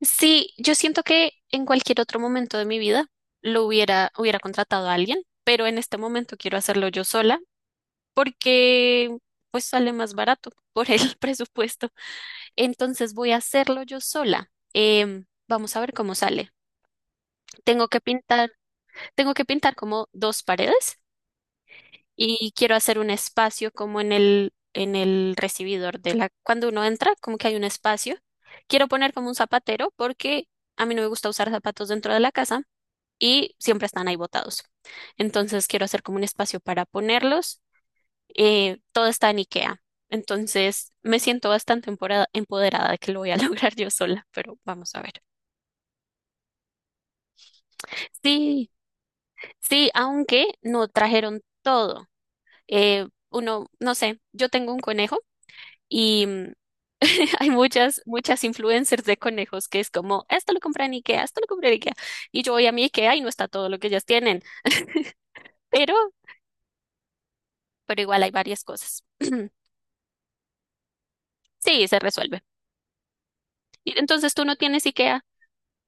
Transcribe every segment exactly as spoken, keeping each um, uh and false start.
Sí, yo siento que en cualquier otro momento de mi vida lo hubiera, hubiera contratado a alguien, pero en este momento quiero hacerlo yo sola porque pues sale más barato por el presupuesto. Entonces voy a hacerlo yo sola. Em, vamos a ver cómo sale. Tengo que pintar, Tengo que pintar como dos paredes y quiero hacer un espacio como en el, en el recibidor de la, cuando uno entra, como que hay un espacio. Quiero poner como un zapatero porque a mí no me gusta usar zapatos dentro de la casa y siempre están ahí botados. Entonces quiero hacer como un espacio para ponerlos. Eh, todo está en IKEA. Entonces me siento bastante empora- empoderada de que lo voy a lograr yo sola, pero vamos a ver. Sí, sí, aunque no trajeron todo. Eh, uno, no sé, yo tengo un conejo y mm, hay muchas, muchas influencers de conejos que es como, esto lo compré en IKEA, esto lo compré en IKEA. Y yo voy a mi IKEA y no está todo lo que ellas tienen, pero, pero igual hay varias cosas. Sí, se resuelve. Y entonces tú no tienes IKEA.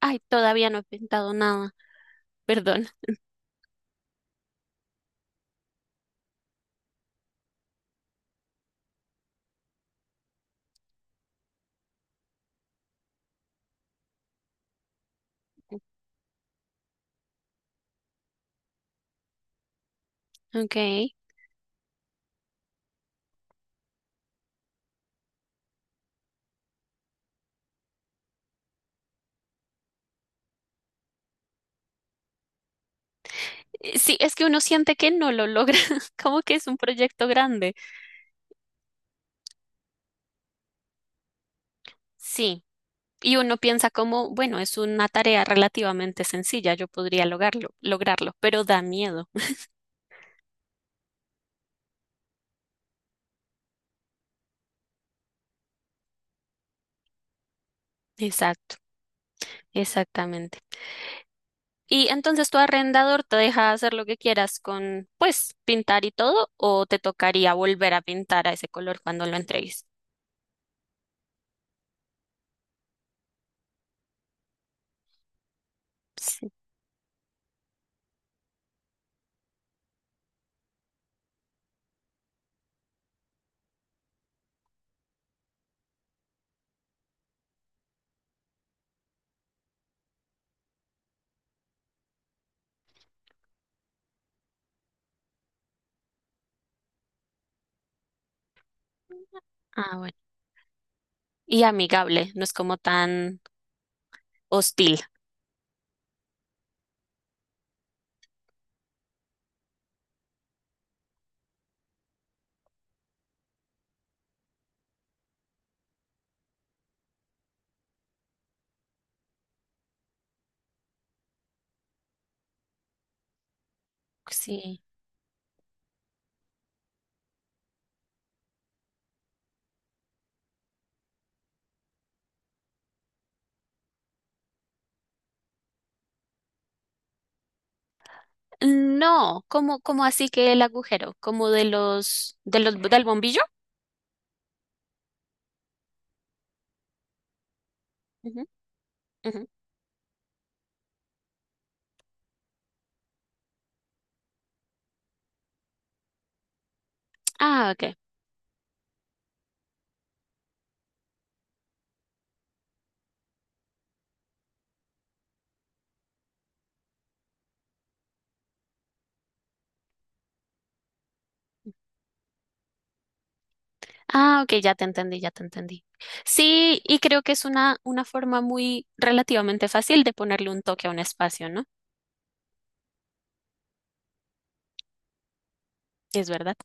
Ay, todavía no he pintado nada. Perdón. Ok. Eh, Sí, es que uno siente que no lo logra, como que es un proyecto grande. Sí. Y uno piensa como, bueno, es una tarea relativamente sencilla, yo podría lograrlo, lograrlo, pero da miedo. Exacto, exactamente. Y entonces tu arrendador te deja hacer lo que quieras con, pues, pintar y todo, o te tocaría volver a pintar a ese color cuando lo entregues. Sí. Ah, bueno, y amigable, no es como tan hostil. Sí. No, como, como así que el agujero, como de los, de los, del bombillo. Ujú, ujú. Ah, ok. Ah, ok, ya te entendí, ya te entendí. Sí, y creo que es una, una forma muy relativamente fácil de ponerle un toque a un espacio, ¿no? Es verdad.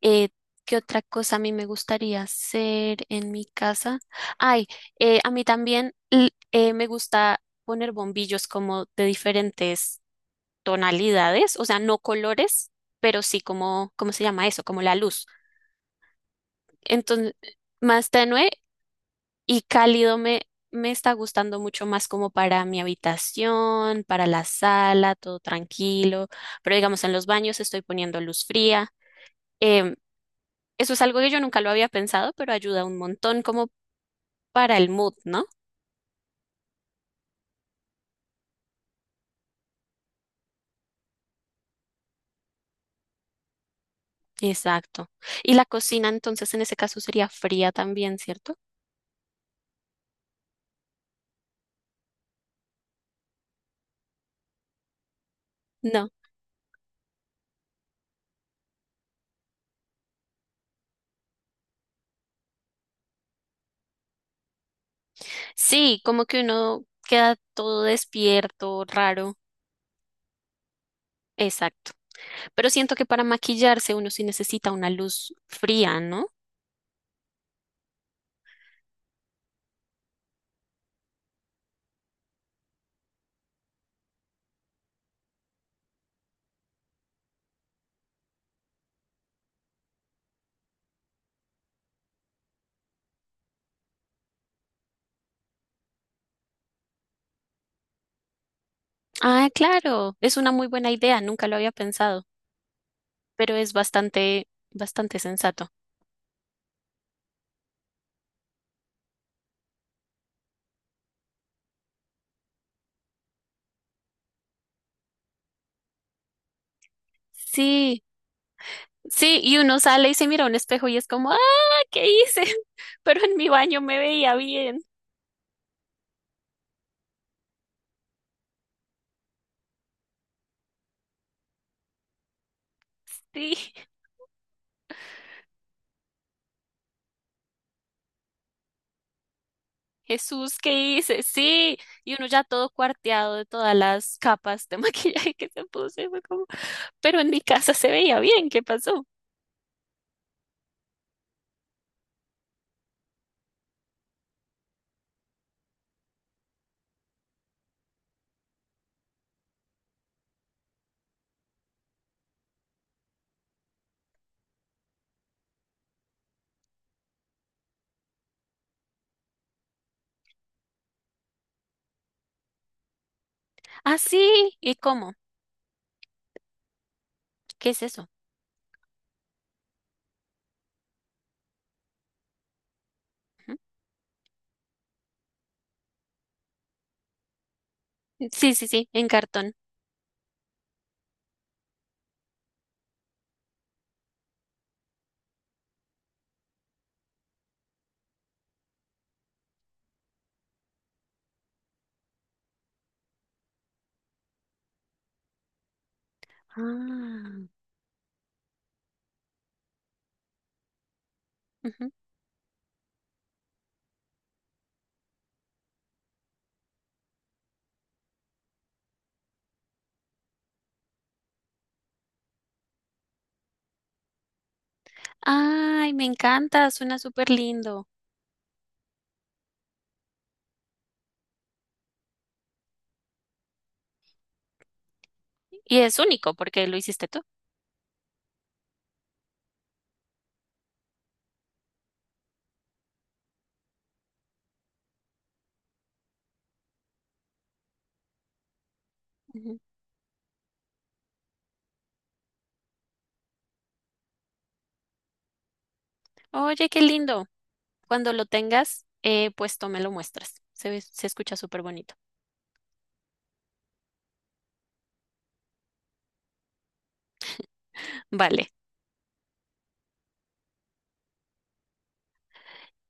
Eh, ¿Qué otra cosa a mí me gustaría hacer en mi casa? Ay, eh, a mí también l- eh, me gusta poner bombillos como de diferentes tonalidades, o sea, no colores, pero sí como, ¿cómo se llama eso? Como la luz. Entonces, más tenue y cálido me, me está gustando mucho más como para mi habitación, para la sala, todo tranquilo, pero digamos en los baños estoy poniendo luz fría. Em, Eso es algo que yo nunca lo había pensado, pero ayuda un montón como para el mood, ¿no? Exacto. Y la cocina entonces en ese caso sería fría también, ¿cierto? No. Sí, como que uno queda todo despierto, raro. Exacto. Pero siento que para maquillarse uno sí necesita una luz fría, ¿no? Ah, claro, es una muy buena idea, nunca lo había pensado, pero es bastante, bastante sensato. Sí, sí, y uno sale y se mira a un espejo y es como, ah, ¿qué hice? Pero en mi baño me veía bien. Sí. Jesús, ¿qué hice? Sí, y uno ya todo cuarteado de todas las capas de maquillaje que se puso, y fue como, pero en mi casa se veía bien, ¿qué pasó? Ah, sí, ¿y cómo? ¿Qué es eso? Ujú. Sí, sí, sí, en cartón. Ah, ujú. Ay, me encanta, suena súper lindo. Y es único porque lo hiciste tú. Ujú. Oye, qué lindo. Cuando lo tengas, eh, pues tú me lo muestras. Se ve- se escucha súper bonito. Vale.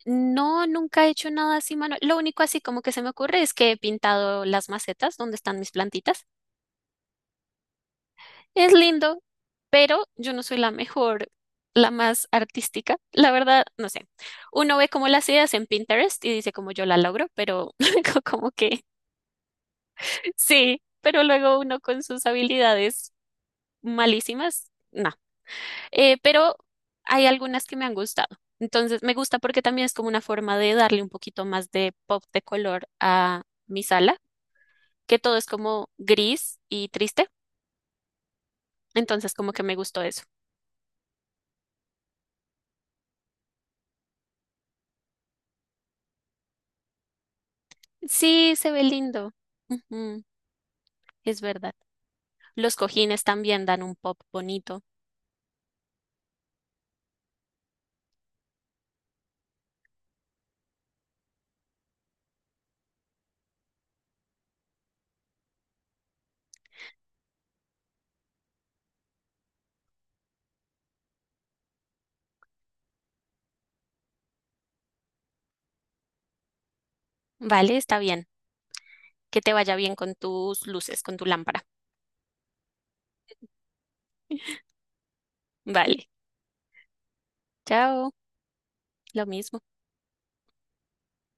No, nunca he hecho nada así, mano. Lo único así como que se me ocurre es que he pintado las macetas donde están mis plantitas. Es lindo, pero yo no soy la mejor, la más artística. La verdad, no sé. Uno ve como las ideas en Pinterest y dice como yo la logro, pero co- como que sí, pero luego uno con sus habilidades malísimas, no. Eh, pero hay algunas que me han gustado. Entonces, me gusta porque también es como una forma de darle un poquito más de pop de color a mi sala que todo es como gris y triste. Entonces, como que me gustó eso. Sí, se ve lindo. Ujú, es verdad. Los cojines también dan un pop bonito. Vale, está bien. Que te vaya bien con tus luces, con tu lámpara. Vale. Chao. Lo mismo.